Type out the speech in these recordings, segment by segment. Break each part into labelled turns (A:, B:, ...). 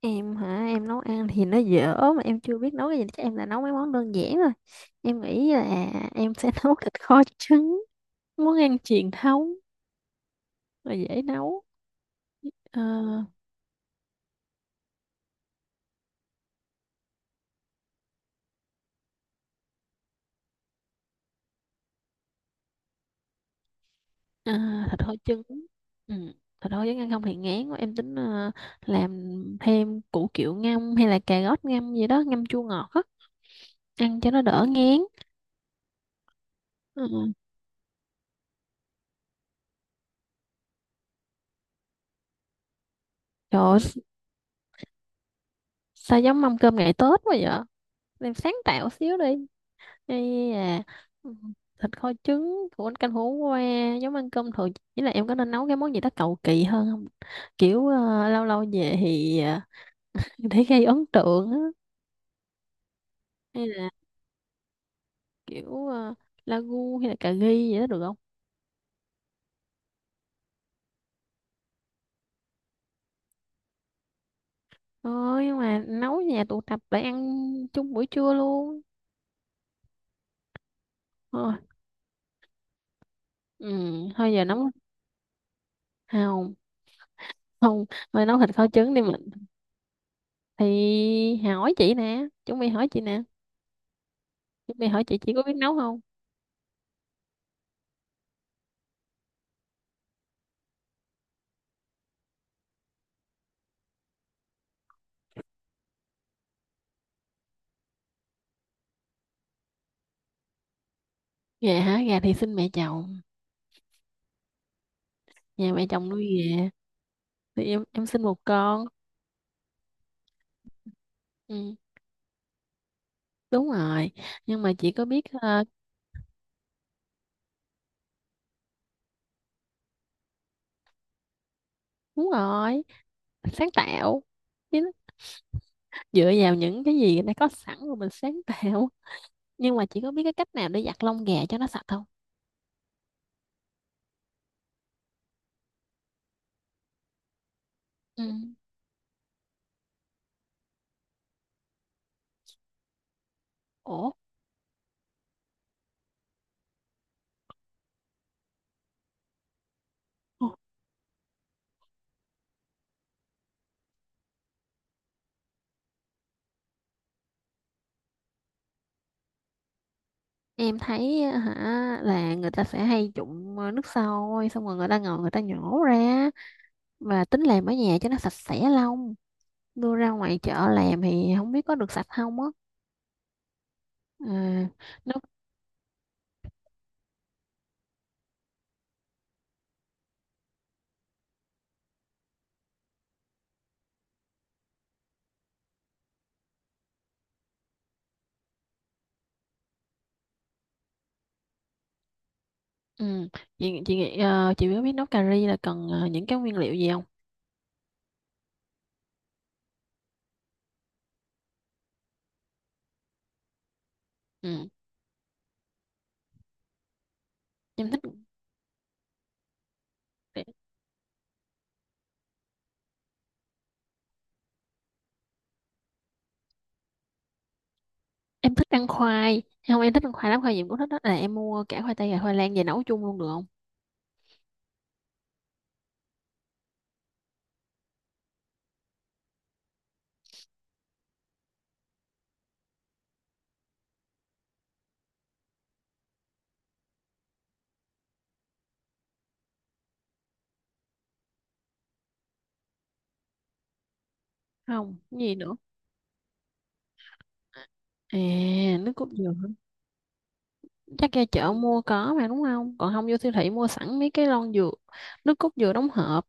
A: Em hả? Em nấu ăn thì nó dở mà em chưa biết nấu cái gì, chắc em là nấu mấy món đơn giản thôi. Em nghĩ là em sẽ nấu thịt kho trứng, món ăn truyền thống và dễ nấu. Ờ, ờ, thịt kho trứng, ừ. Thịt kho trứng ăn không thì ngán quá, em tính làm thêm củ kiệu ngâm hay là cà rốt ngâm gì đó, ngâm chua ngọt á, ăn cho nó đỡ ngán. Ừ. Trời ơi, sao giống mâm cơm ngày Tết quá vậy? Em sáng tạo xíu đi. Ây à, ừ, thịt kho trứng của anh, canh hổ qua, giống ăn cơm thường. Chỉ là em có nên nấu cái món gì đó cầu kỳ hơn không, kiểu lâu lâu về thì để gây ấn tượng á. Hay là kiểu lagu hay là cà ri vậy đó được không? Thôi, nhưng mà nấu nhà tụ tập để ăn chung buổi trưa luôn. Thôi, ừ, thôi giờ nấu. Không, không. Thôi nấu thịt kho trứng đi mình, thì hỏi chị nè, chuẩn bị hỏi chị nè, chuẩn bị hỏi chị có biết nấu không? Gà hả? Gà thì xin mẹ chồng, nhà mẹ chồng nuôi về, thì em sinh một con. Ừ, đúng rồi. Nhưng mà chị có biết đúng rồi, sáng tạo. Chứ dựa vào những cái gì đã có sẵn rồi mình sáng tạo. Nhưng mà chị có biết cái cách nào để giặt lông gà cho nó sạch không? Ừ. Ủa, em thấy á, hả, là người ta sẽ hay trụng nước sôi xong rồi người ta ngồi người ta nhổ ra, và tính làm ở nhà cho nó sạch sẽ lông. Đưa ra ngoài chợ làm thì không biết có được sạch không á. À, nó. Ừ. Chị nghĩ chị có biết nấu cà ri là cần những cái nguyên liệu gì không? Ừ. Em thích. Em thích ăn khoai không? Em thích ăn khoai lắm, khoai gì em cũng thích, đó là em mua cả khoai tây và khoai lang về nấu chung luôn được không? Không cái gì nữa. À, nước cốt dừa hả? Chắc ra chợ mua có mà, đúng không? Còn không vô siêu thị mua sẵn mấy cái lon dừa, nước cốt dừa đóng hộp.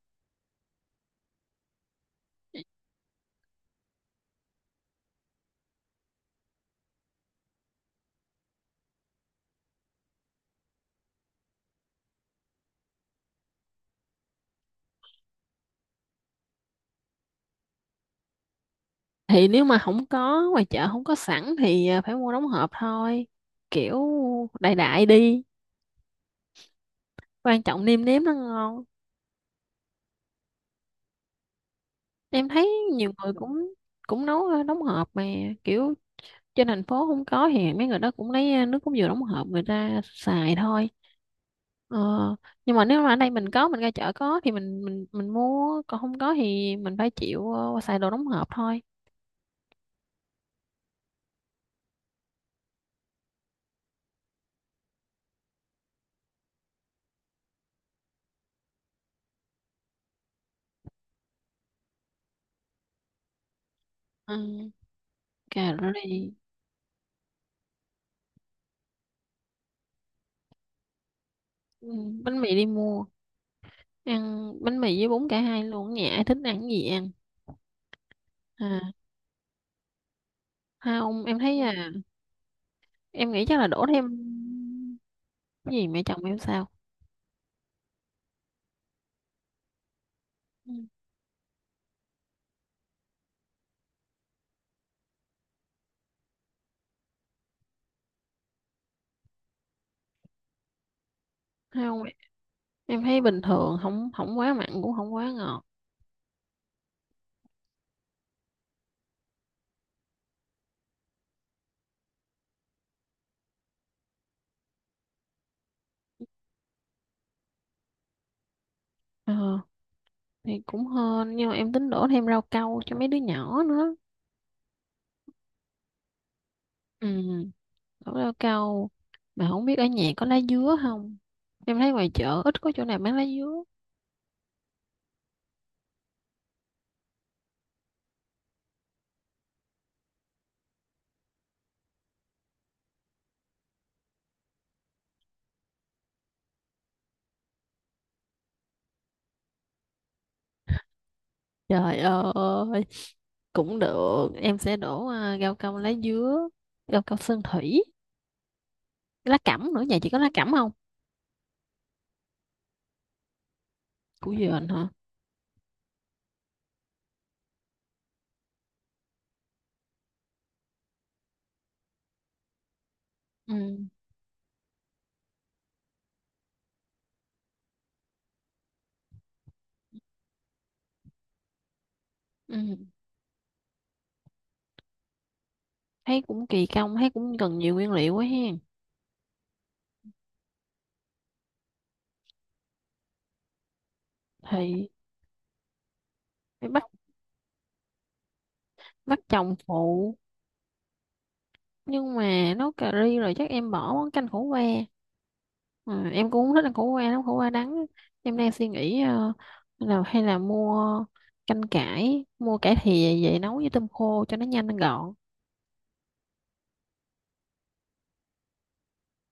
A: Thì nếu mà không có ngoài chợ không có sẵn thì phải mua đóng hộp thôi, kiểu đại đại đi, quan trọng nêm nếm nó ngon. Em thấy nhiều người cũng cũng nấu đóng hộp mà, kiểu trên thành phố không có thì mấy người đó cũng lấy nước cốt dừa đóng hộp người ta xài thôi. Ờ, nhưng mà nếu mà ở đây mình có, mình ra chợ có thì mình mua, còn không có thì mình phải chịu xài đồ đóng hộp thôi. Ừ, cà ri. Ừ, bánh mì đi mua. Ăn bánh mì với bún cả hai luôn, ở nhà ai thích ăn cái gì ăn. À, không em thấy à, em nghĩ chắc là đổ thêm. Cái gì mẹ chồng em sao? Ừ. Không, em thấy bình thường, không không quá mặn cũng không quá ngọt. Ờ, thì cũng hên, nhưng mà em tính đổ thêm rau câu cho mấy đứa nhỏ nữa. Ừ, đổ rau câu, mà không biết ở nhà có lá dứa không, em thấy ngoài chợ ít có chỗ nào bán lá dứa. Trời ơi, cũng được, em sẽ đổ rau câu lá dứa, rau câu sơn thủy, lá cẩm nữa, nhà chị có lá cẩm không? Củ dền hả? Ừ. Ừ, thấy cũng kỳ công, thấy cũng cần nhiều nguyên liệu quá hen. Thì phải bắt, bắt chồng phụ. Nhưng mà nấu cà ri rồi chắc em bỏ món canh khổ qua. Ờ, em cũng không thích ăn khổ qua lắm, khổ qua đắng á. Em đang suy nghĩ là hay là mua canh cải, mua cải thìa về nấu với tôm khô cho nó nhanh nó gọn.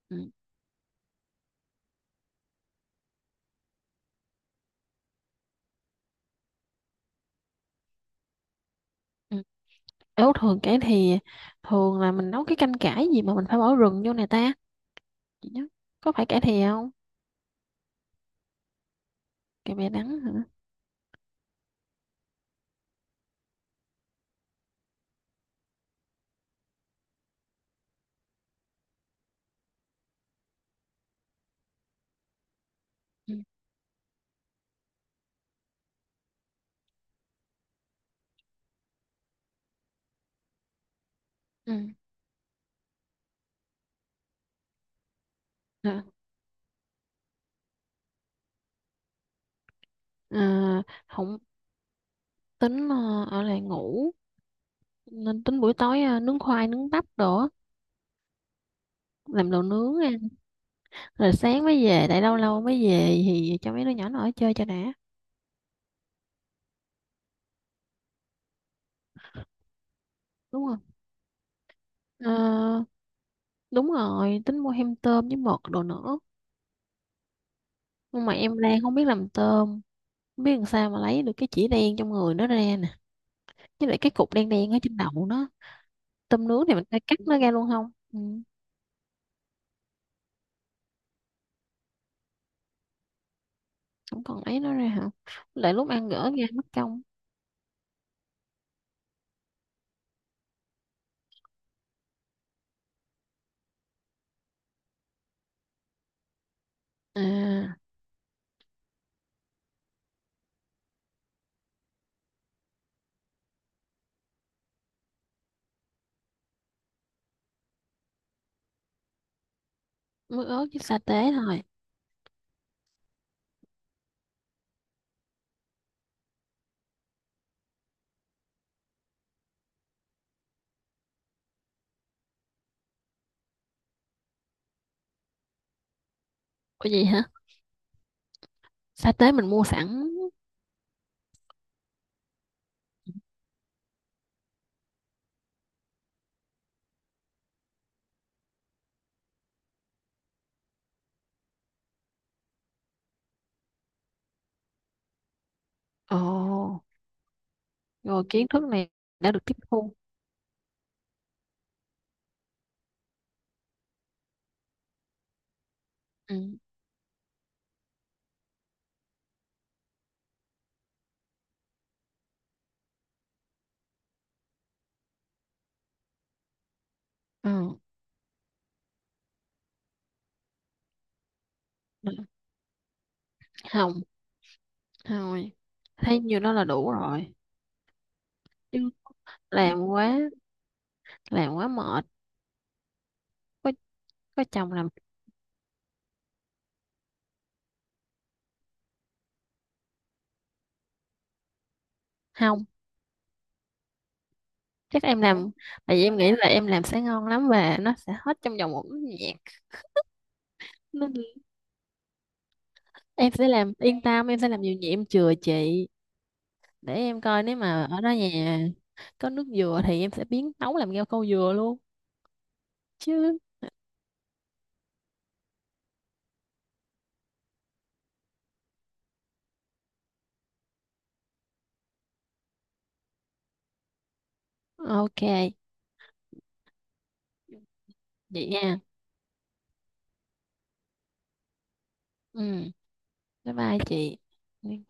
A: Ừ. Ừ. Ếu thường cải thìa, thường là mình nấu cái canh cải gì mà mình phải bỏ rừng vô này ta, chị nhớ, có phải cải thìa không? Cải bẹ đắng hả? Ừ. Ừ. Ừ. Ờ. À, không, tính ở lại ngủ, nên tính buổi tối nướng khoai nướng bắp đồ á, làm đồ nướng á. Rồi sáng mới về lại, lâu lâu mới về thì cho mấy đứa nhỏ nó ở chơi cho đã. Đúng không? Ờ, đúng rồi, tính mua hem tôm với mực đồ nữa. Nhưng mà em đang không biết làm tôm, không biết làm sao mà lấy được cái chỉ đen trong người nó ra nè, với lại cái cục đen đen ở trên đầu nó. Tôm nướng thì mình phải cắt nó ra luôn không? Ừ, không còn lấy nó ra hả, lại lúc ăn gỡ ra mất công. À, mới ớt với sa tế thôi? Có gì hả? Sa tế mình mua sẵn. Ồ. Rồi kiến thức này đã được tiếp thu. Ừ. Ừ. Không, thôi, thấy nhiêu đó là đủ rồi. Chứ làm quá, làm quá mệt, có có chồng làm. Không, chắc em làm, tại vì em nghĩ là em làm sẽ ngon lắm và nó sẽ hết trong vòng một nốt nhạc, nên em sẽ làm, yên tâm, em sẽ làm nhiều nhạc, em chừa chị. Để em coi nếu mà ở đó nhà có nước dừa thì em sẽ biến nấu làm ngao câu dừa luôn. Chứ. Ok, vậy nha. Ừ. Bye bye chị.